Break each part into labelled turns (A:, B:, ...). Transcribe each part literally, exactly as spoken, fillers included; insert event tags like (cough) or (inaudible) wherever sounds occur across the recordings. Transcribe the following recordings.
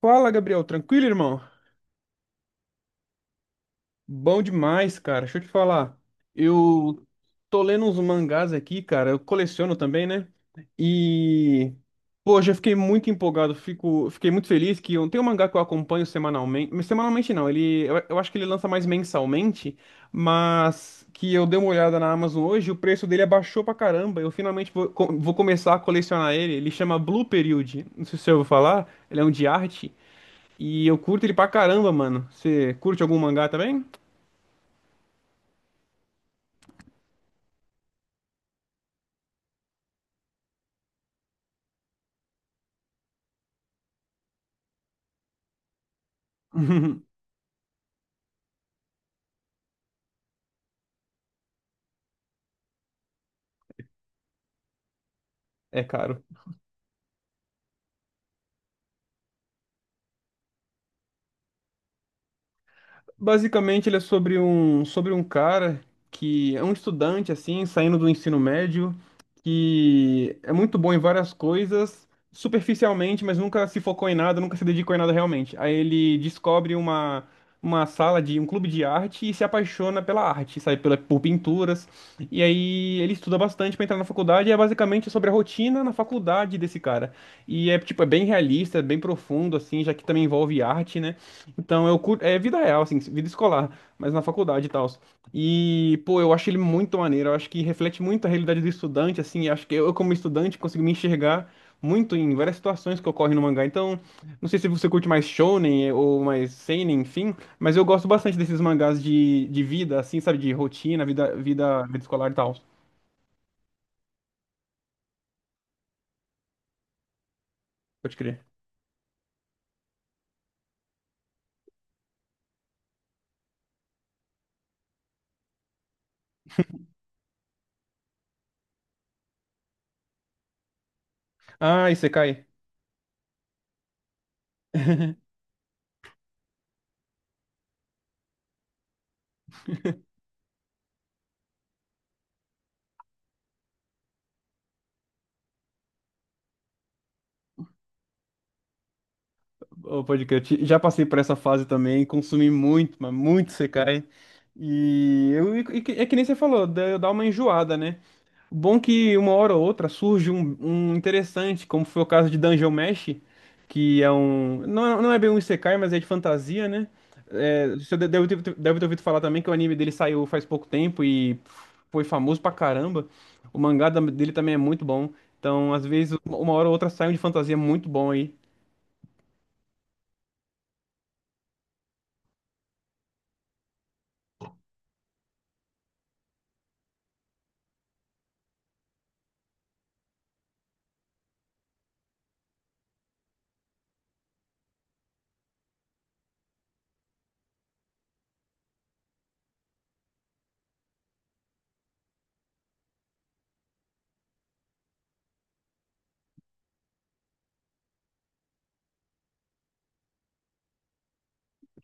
A: Fala, Gabriel. Tranquilo, irmão? Bom demais, cara. Deixa eu te falar. Eu tô lendo uns mangás aqui, cara. Eu coleciono também, né? E, pô, já fiquei muito empolgado. Fico, fiquei muito feliz que eu- tem um mangá que eu acompanho semanalmente. mas Semanalmente não, ele, eu, eu acho que ele lança mais mensalmente, mas que eu dei uma olhada na Amazon hoje, o preço dele abaixou pra caramba. Eu finalmente vou, co- vou começar a colecionar ele. Ele chama Blue Period. Não sei se você ouviu falar. Ele é um de arte. E eu curto ele pra caramba, mano. Você curte algum mangá também? É caro. Basicamente, ele é sobre um, sobre um cara que é um estudante, assim, saindo do ensino médio, que é muito bom em várias coisas, superficialmente, mas nunca se focou em nada, nunca se dedicou em nada realmente. Aí ele descobre uma, uma sala de um clube de arte e se apaixona pela arte, sabe, pela, por pinturas. E aí ele estuda bastante para entrar na faculdade, e é basicamente sobre a rotina na faculdade desse cara. E é, tipo, é bem realista, é bem profundo, assim, já que também envolve arte, né? Então, eu curto, é vida real, assim, vida escolar, mas na faculdade e tal. E, pô, eu acho ele muito maneiro, eu acho que reflete muito a realidade do estudante, assim, eu acho que eu, como estudante, consigo me enxergar muito em várias situações que ocorrem no mangá. Então, não sei se você curte mais shonen eh, ou mais seinen, enfim, mas eu gosto bastante desses mangás de, de vida, assim, sabe, de rotina, vida, vida, vida escolar e tal. Pode crer. Ah, Isekai. Ô, pode crer. Ti- Já passei por essa fase também, consumi muito, mas muito Sekai. E eu, e que- é que nem você falou, dá dá uma enjoada, né? Bom que uma hora ou outra surge um, um interessante, como foi o caso de Dungeon Mesh, que é um. Não, é- não é bem um Isekai, mas é de fantasia, né? É, você de- deve ter, deve ter ouvido falar também que o anime dele saiu faz pouco tempo e foi famoso pra caramba. O mangá da- dele também é muito bom. Então, às vezes, uma hora ou outra sai um de fantasia muito bom aí.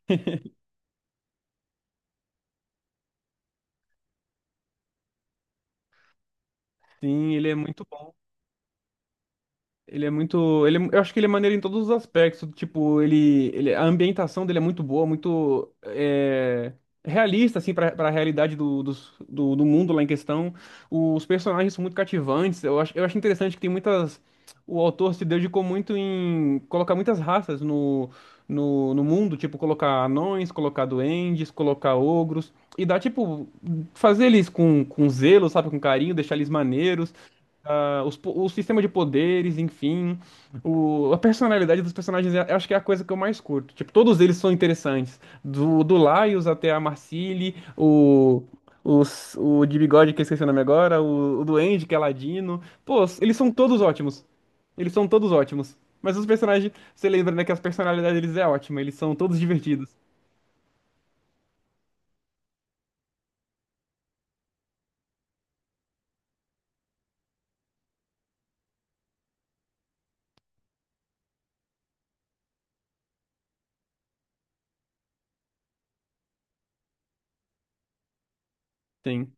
A: (laughs) Sim, ele é muito bom. Ele é muito. Ele é- eu acho que ele é maneiro em todos os aspectos. Tipo, ele, ele, a ambientação dele é muito boa, muito é, realista, assim, pra, pra realidade do, dos- do, do mundo lá em questão. Os personagens são muito cativantes. Eu acho, eu acho interessante que tem muitas. O autor se dedicou muito em colocar muitas raças no, no, no mundo, tipo, colocar anões, colocar duendes, colocar ogros. E dá, tipo, fazer eles com, com zelo, sabe, com carinho, deixar eles maneiros, ah, os po- o sistema de poderes, enfim, o- a personalidade dos personagens, é- eu acho que é a coisa que eu mais curto. Tipo, todos eles são interessantes. Do, do Laios até a Marcili, o, os- o de bigode, que eu esqueci o nome agora, o, o Duende, que é Ladino. Pô, eles são todos ótimos. Eles são todos ótimos. Mas os personagens, você lembra, né, que as personalidades deles é ótima, eles são todos divertidos. Sim.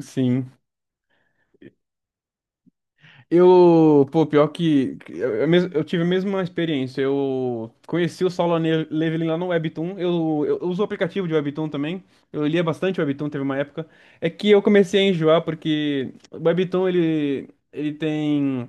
A: Sim. Eu, pô, pior que eu, eu mes- eu tive a mesma experiência. Eu conheci o Saulo Ne- Leveling lá no Webtoon. Eu, eu, eu uso o aplicativo de Webtoon também. Eu lia bastante Webtoon, teve uma época. É que eu comecei a enjoar porque o Webtoon ele, ele tem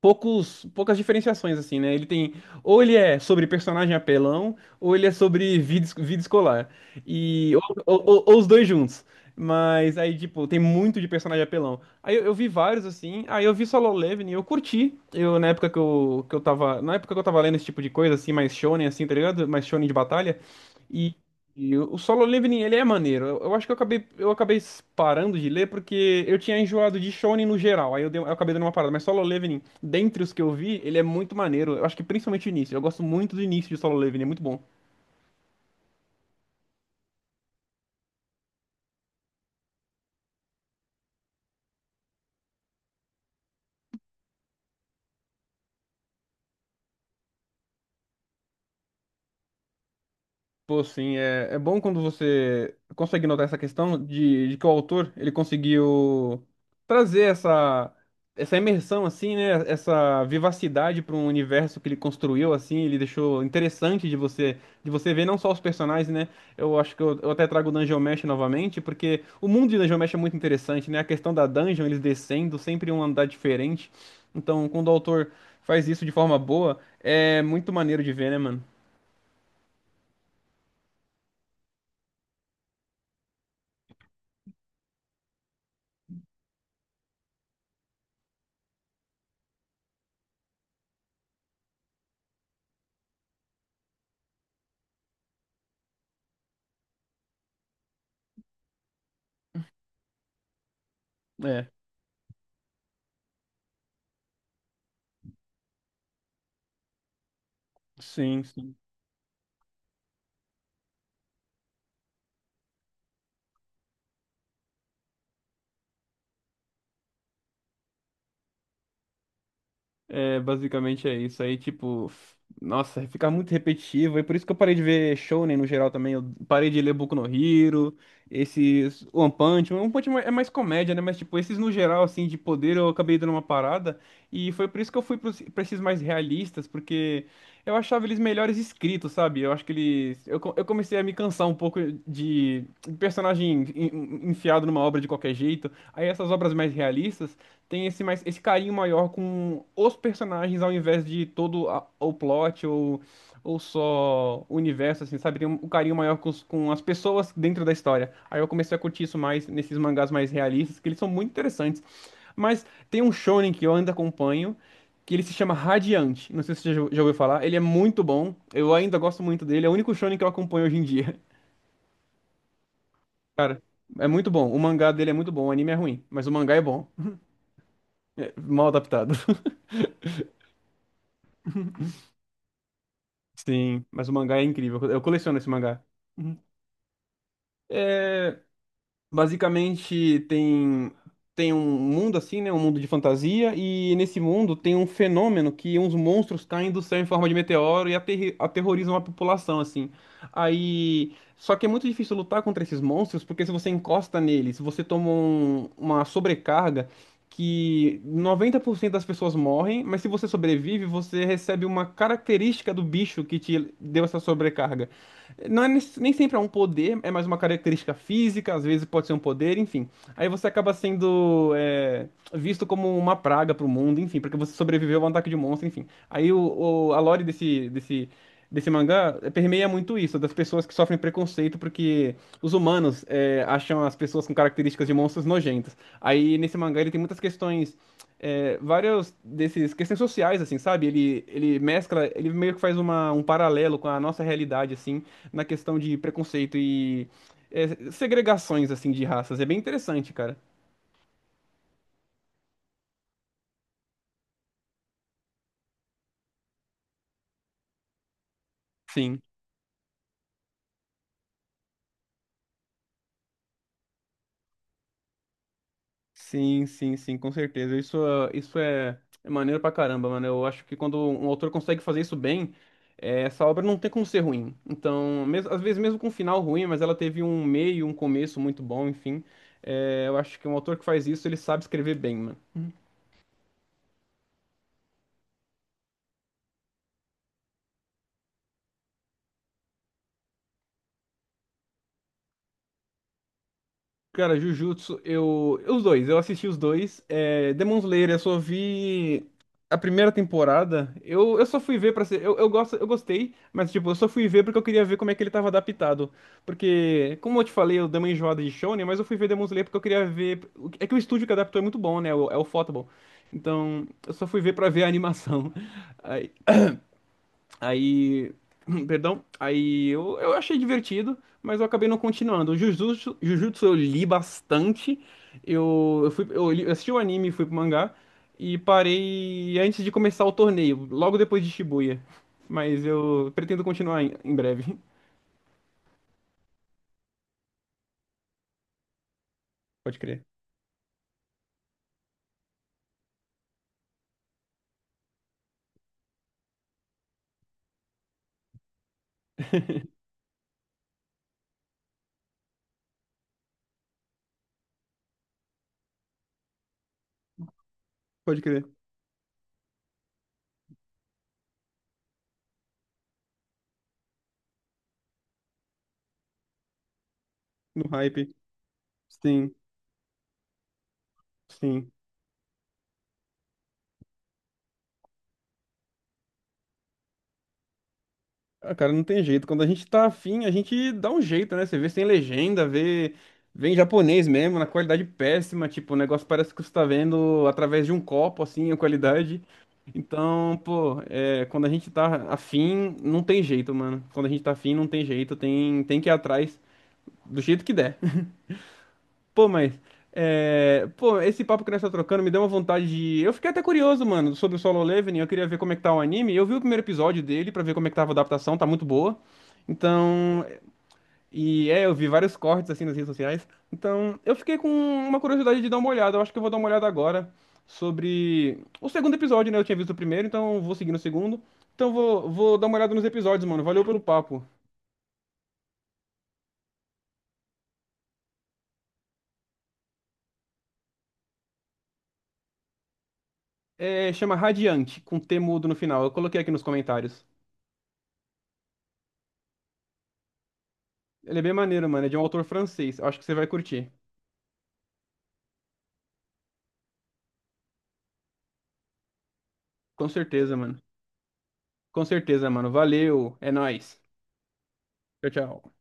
A: poucos, poucas diferenciações, assim, né? Ele tem. Ou ele é sobre personagem apelão, ou ele é sobre vida, es- vida escolar. E, ou, ou- ou- ou os dois juntos. Mas aí, tipo, tem muito de personagem apelão. Aí eu, eu vi vários, assim. Aí eu vi Solo Leveling e eu curti. Eu, na época que eu, que eu tava. Na época que eu tava lendo esse tipo de coisa, assim, mais shonen, assim, tá ligado? Mais shonen de batalha. E o o Solo Leveling, ele é maneiro. Eu, eu acho que eu acabei, eu acabei parando de ler porque eu tinha enjoado de Shonen no geral. Aí eu, dei- eu acabei dando uma parada. Mas Solo Leveling, dentre os que eu vi, ele é muito maneiro. Eu acho que principalmente o início. Eu gosto muito do início de Solo Leveling, é muito bom. Pô, sim, é, é bom quando você consegue notar essa questão de, de que o autor ele conseguiu trazer essa, essa imersão, assim, né? Essa vivacidade para um universo que ele construiu, assim, ele deixou interessante de você de você ver não só os personagens, né? Eu acho que eu, eu até trago o Dungeon Mesh novamente, porque o mundo de Dungeon Mesh é muito interessante, né? A questão da dungeon, eles descendo, sempre um andar diferente. Então, quando o autor faz isso de forma boa, é muito maneiro de ver, né, mano? É, sim, sim. É, basicamente é isso. Aí, tipo, f- nossa, fica muito repetitivo. E por isso que eu parei de ver Shonen no geral também. Eu parei de ler Boku no Hero, esses One Punch Man. One Punch Man é mais comédia, né? Mas, tipo, esses no geral, assim, de poder, eu acabei dando uma parada. E foi por isso que eu fui pros- pra esses mais realistas, porque eu achava eles melhores escritos, sabe? Eu acho que eles. Eu, co- eu comecei a me cansar um pouco de personagem en- enfiado numa obra de qualquer jeito. Aí, essas obras mais realistas tem esse mais esse carinho maior com os personagens ao invés de todo a- o plot ou ou só o universo assim, sabe? Tem um, um carinho maior com, os- com as pessoas dentro da história. Aí eu comecei a curtir isso mais nesses mangás mais realistas, que eles são muito interessantes. Mas tem um shonen que eu ainda acompanho, que ele se chama Radiante. Não sei se você já já ouviu falar. Ele é muito bom. Eu ainda gosto muito dele. É o único shonen que eu acompanho hoje em dia. (laughs) Cara, é muito bom. O mangá dele é muito bom. O anime é ruim, mas o mangá é bom. É mal adaptado. Sim, mas o mangá é incrível. Eu coleciono esse mangá. Uhum. É, basicamente tem tem um mundo assim, né, um mundo de fantasia e nesse mundo tem um fenômeno que uns monstros caem do céu em forma de meteoro e aterri- aterrorizam a população assim. Aí, só que é muito difícil lutar contra esses monstros porque se você encosta neles, você toma um- uma sobrecarga que noventa por cento das pessoas morrem, mas se você sobrevive, você recebe uma característica do bicho que te deu essa sobrecarga. Não é, nec- nem sempre é um poder, é mais uma característica física, às vezes pode ser um poder, enfim. Aí você acaba sendo é, visto como uma praga pro mundo, enfim, porque você sobreviveu a um ataque de monstro, enfim. Aí o, o- a lore desse, desse, desse mangá permeia muito isso, das pessoas que sofrem preconceito porque os humanos é, acham as pessoas com características de monstros nojentas. Aí nesse mangá ele tem muitas questões é, vários desses questões sociais, assim, sabe? Ele, ele mescla, ele meio que faz uma, um paralelo com a nossa realidade, assim, na questão de preconceito e é, segregações assim de raças. É bem interessante, cara. Sim, sim, sim, sim, com certeza. Isso, é- isso é, é maneiro pra caramba, mano. Eu acho que quando um autor consegue fazer isso bem, é, essa obra não tem como ser ruim. Então, mesmo, às vezes mesmo com um final ruim, mas ela teve um meio, um começo muito bom, enfim. É, eu acho que um autor que faz isso, ele sabe escrever bem, mano. Cara, Jujutsu, eu. Os dois, eu assisti os dois. É, Demon Slayer, eu só vi a primeira temporada. Eu, eu só fui ver pra ser. Eu, eu, gosto, eu gostei, mas tipo, eu só fui ver porque eu queria ver como é que ele tava adaptado. Porque, como eu te falei, eu dei uma enjoada de Shonen, mas eu fui ver Demon Slayer porque eu queria ver. o que- É que o estúdio que adaptou é muito bom, né? o- É o Photable. Então, eu só fui ver pra ver a animação. (laughs) Aí, (clears throat) perdão, aí eu, eu achei divertido, mas eu acabei não continuando. O Jujutsu, Jujutsu eu li bastante. Eu, eu fui, eu li- eu assisti o anime, fui pro mangá e parei antes de começar o torneio, logo depois de Shibuya. Mas eu pretendo continuar em, em breve. (laughs) Pode crer. Pode crer, no hype. Sim, sim. Ah, cara, não tem jeito. Quando a gente tá afim, a gente dá um jeito, né? Você vê sem legenda, vê, vê em japonês mesmo, na qualidade péssima. Tipo, o negócio parece que você tá vendo através de um copo, assim, a qualidade. Então, pô, é, quando a gente tá afim, não tem jeito, mano. Quando a gente tá afim, não tem jeito. Tem, tem que ir atrás do jeito que der. Pô, mas. é, Pô, esse papo que nós tá trocando me deu uma vontade de. Eu fiquei até curioso, mano, sobre o Solo Leveling. Eu queria ver como é que tá o anime. Eu vi o primeiro episódio dele pra ver como é que tava a adaptação, tá muito boa. Então. E é, eu vi vários cortes assim nas redes sociais. Então, eu fiquei com uma curiosidade de dar uma olhada. Eu acho que eu vou dar uma olhada agora sobre o segundo episódio, né? Eu tinha visto o primeiro, então eu vou seguir no segundo. Então, eu vou, vou dar uma olhada nos episódios, mano. Valeu pelo papo. É, chama Radiante, com T mudo no final. Eu coloquei aqui nos comentários. Ele é bem maneiro, mano. É de um autor francês. Acho que você vai curtir. Com certeza, mano. Com certeza, mano. Valeu. É nóis. Tchau, tchau.